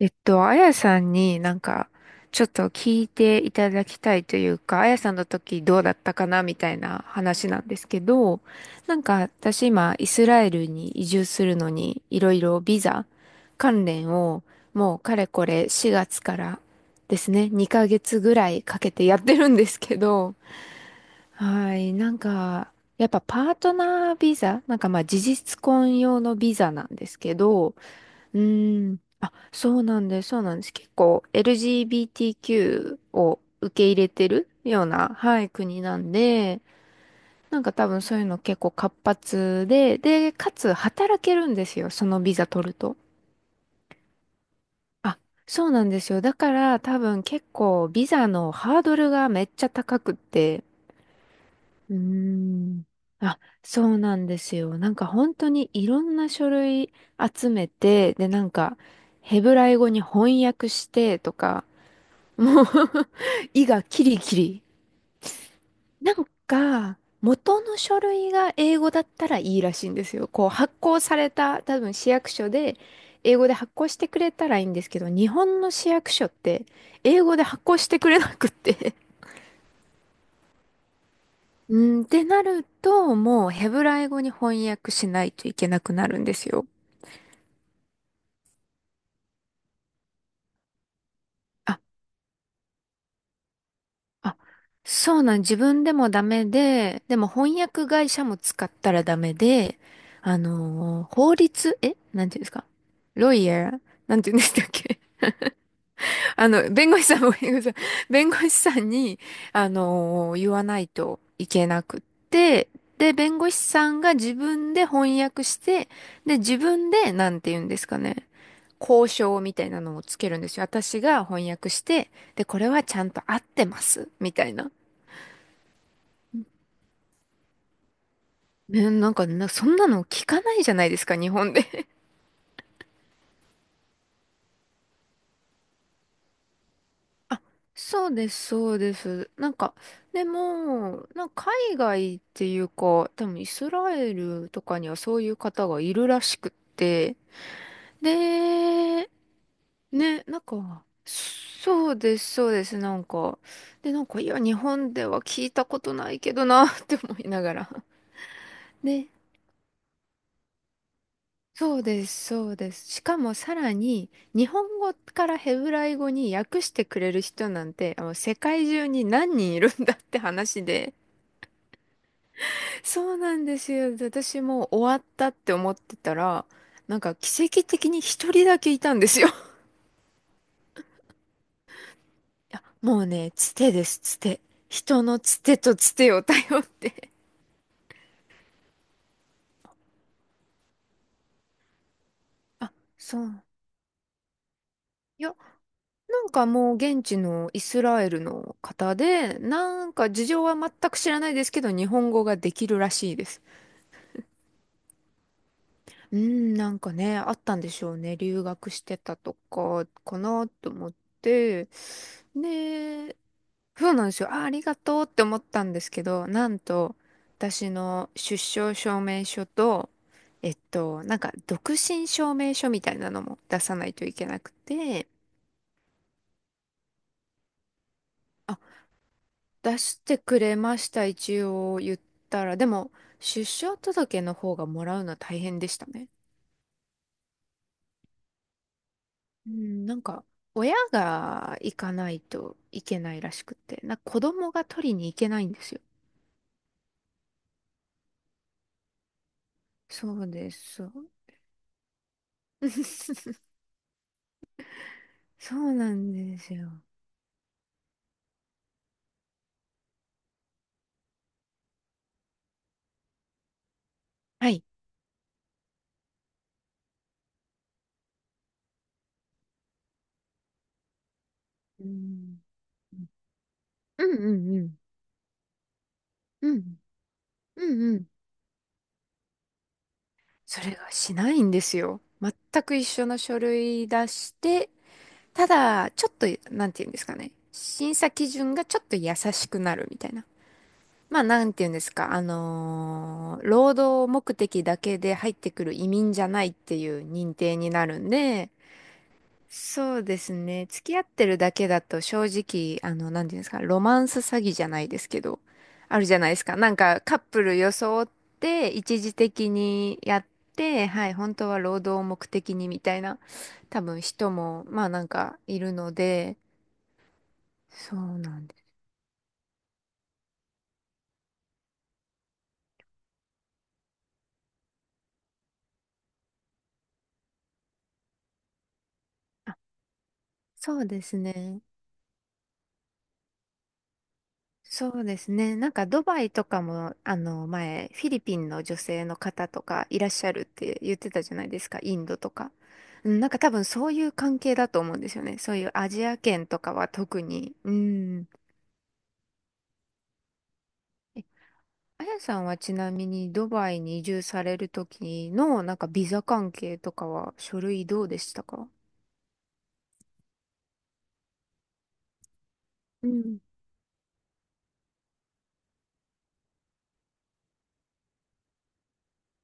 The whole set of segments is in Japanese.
あやさんになんか、ちょっと聞いていただきたいというか、あやさんの時どうだったかなみたいな話なんですけど、なんか私今、イスラエルに移住するのに、いろいろビザ関連を、もうかれこれ4月からですね、2ヶ月ぐらいかけてやってるんですけど、はい、なんか、やっぱパートナービザ、なんかまあ事実婚用のビザなんですけど、うーん。あ、そうなんです、そうなんです。結構 LGBTQ を受け入れてるような、はい、国なんで、なんか多分そういうの結構活発で、で、かつ働けるんですよ、そのビザ取ると。あ、そうなんですよ。だから多分結構ビザのハードルがめっちゃ高くって。うーん。あ、そうなんですよ。なんか本当にいろんな書類集めて、で、なんかヘブライ語に翻訳してとか、もう 意がキリキリ。なんか、元の書類が英語だったらいいらしいんですよ。こう、発行された、多分市役所で、英語で発行してくれたらいいんですけど、日本の市役所って、英語で発行してくれなくって、うん、ってなると、もうヘブライ語に翻訳しないといけなくなるんですよ。あ、そうなん、自分でもダメで、でも翻訳会社も使ったらダメで、あのー法律、えなんていうんですか、ロイヤー、なんて言うんでしたっけ。 あの、弁護士さんも、弁護士さん、弁護士さんに、言わないといけなくって、で、弁護士さんが自分で翻訳して、で、自分で、なんて言うんですかね、交渉みたいなのをつけるんですよ。私が翻訳して、で、これはちゃんと合ってます、みたいな。ね、なんか、そんなの聞かないじゃないですか、日本で。あ、そうです、そうです。なんか、でも、なんか海外っていうか、多分イスラエルとかにはそういう方がいるらしくって、で、ね、なんか、そうです、そうです、なんか、で、なんか、いや、日本では聞いたことないけどな、って思いながら。そうです、そうです。しかもさらに、日本語からヘブライ語に訳してくれる人なんて、あの世界中に何人いるんだって話で。そうなんですよ。で、私もう終わったって思ってたら、なんか奇跡的に一人だけいたんですよ。いや、もうね、つてです、つて。人のつてとつてを頼って。あ、そう。いや、なんかもう現地のイスラエルの方で、なんか事情は全く知らないですけど、日本語ができるらしいです。うん、なんかね、あったんでしょうね。留学してたとか、かなと思って。で、そうなんですよ。あ、ありがとうって思ったんですけど、なんと、私の出生証明書と、なんか独身証明書みたいなのも出さないといけなくて、出してくれました、一応言ったら。でも、出生届の方がもらうのは大変でしたね。うん、なんか、親が行かないといけないらしくて、なんか子供が取りに行けないんですよ。そうです、そう。そうなんですよ。はい。うん、うんうんうん。うん。うんうん。それがしないんですよ。全く一緒の書類出して、ただ、ちょっと、なんて言うんですかね。審査基準がちょっと優しくなるみたいな。まあ、なんて言うんですか。労働目的だけで入ってくる移民じゃないっていう認定になるんで、そうですね。付き合ってるだけだと正直、あの、なんていうんですか。ロマンス詐欺じゃないですけど、あるじゃないですか。なんか、カップル装って、一時的にやって、はい、本当は労働を目的にみたいな、多分人も、まあなんかいるので、そうなんです。あ、そうですね。そうですね。なんかドバイとかも、あの、前、フィリピンの女性の方とかいらっしゃるって言ってたじゃないですか、インドとか。うん、なんか多分そういう関係だと思うんですよね。そういうアジア圏とかは特に。うん。え、あやさんはちなみにドバイに移住される時の、なんかビザ関係とかは書類どうでしたか。うん。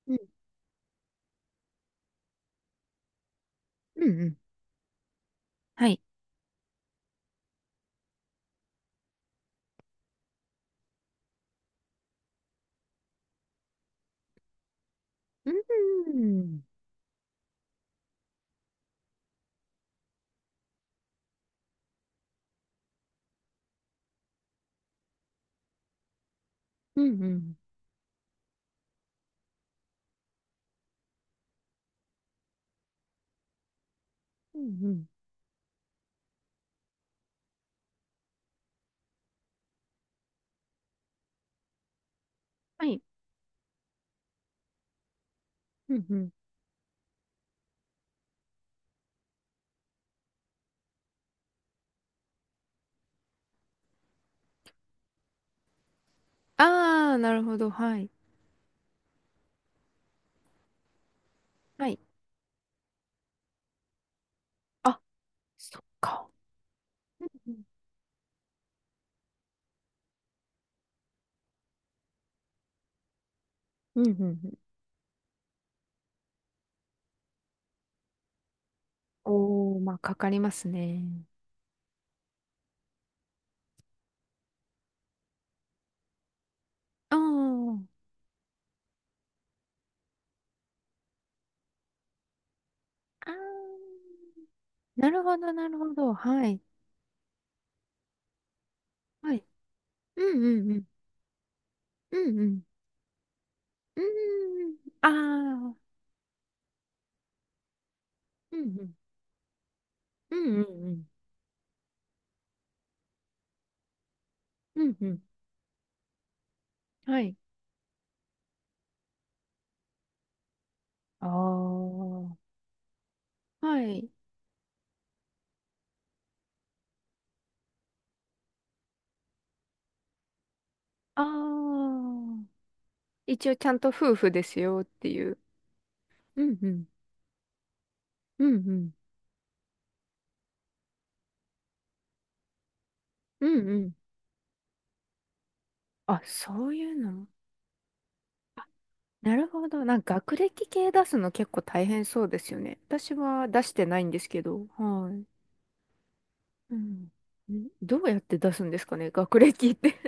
うん。うんうん。はい。うん。うんうん。うんうん。うんうん。はい、うんうん。ああ、なるほど。はい。はい。あ、そっか。うん、うん、うんうん、おー、まあ、かかりますね。あー、あー、なるほど、なるほど。はい。はい。うん、うん、うん。うん、うん。うんうん、ああ、うん、うん。うん、うん、うん。うん、うん。はい。ああ、はい。ああ、一応ちゃんと夫婦ですよっていう。うん、うん。うん、うん。うん、うん。あ、そういうの。なるほど。なんか学歴系出すの結構大変そうですよね。私は出してないんですけど。はい。うん。どうやって出すんですかね、学歴って。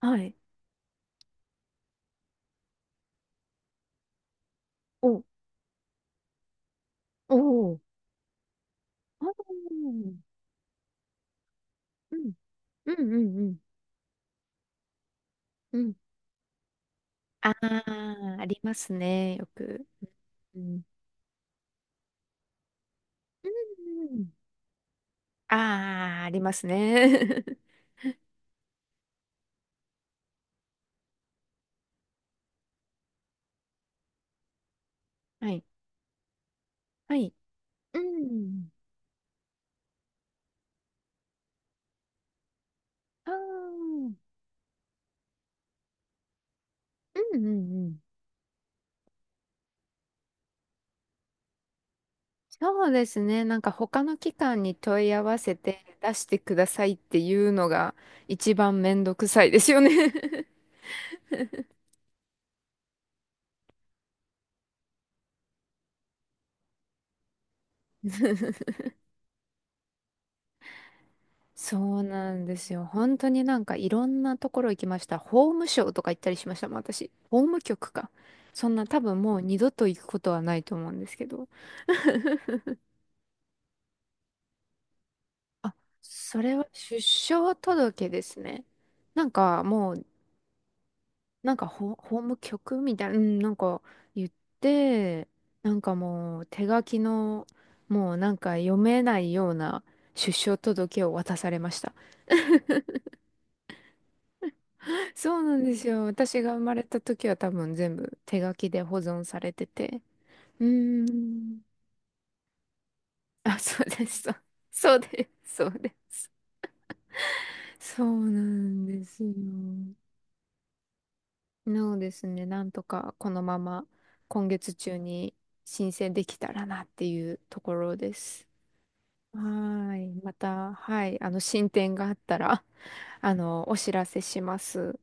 はい。お、おー、あー、うん。うんうんうん。うん。ああ、ありますね。よく。うん。うん。ああ、ありますね。はい。はい。うん。ああ。うんうんうん。そうですね。なんか他の機関に問い合わせて出してくださいっていうのが一番めんどくさいですよね。 そうなんですよ。本当になんかいろんなところ行きました。法務省とか行ったりしましたもん、私。法務局か。そんな多分もう二度と行くことはないと思うんですけど。あ、それは出生届ですね。なんかもう、なんか法務局みたいな、うん、なんか言って、なんかもう手書きの、もうなんか読めないような出生届を渡されました。そうなんですよ。私が生まれた時は多分全部手書きで保存されてて。うーん。あ、そうです。そうそうです。そうです。そうなんですよ。なのですね、なんとかこのまま今月中に申請できたらなっていうところです。はーい。また、はい。あの、進展があったら、あの、お知らせします。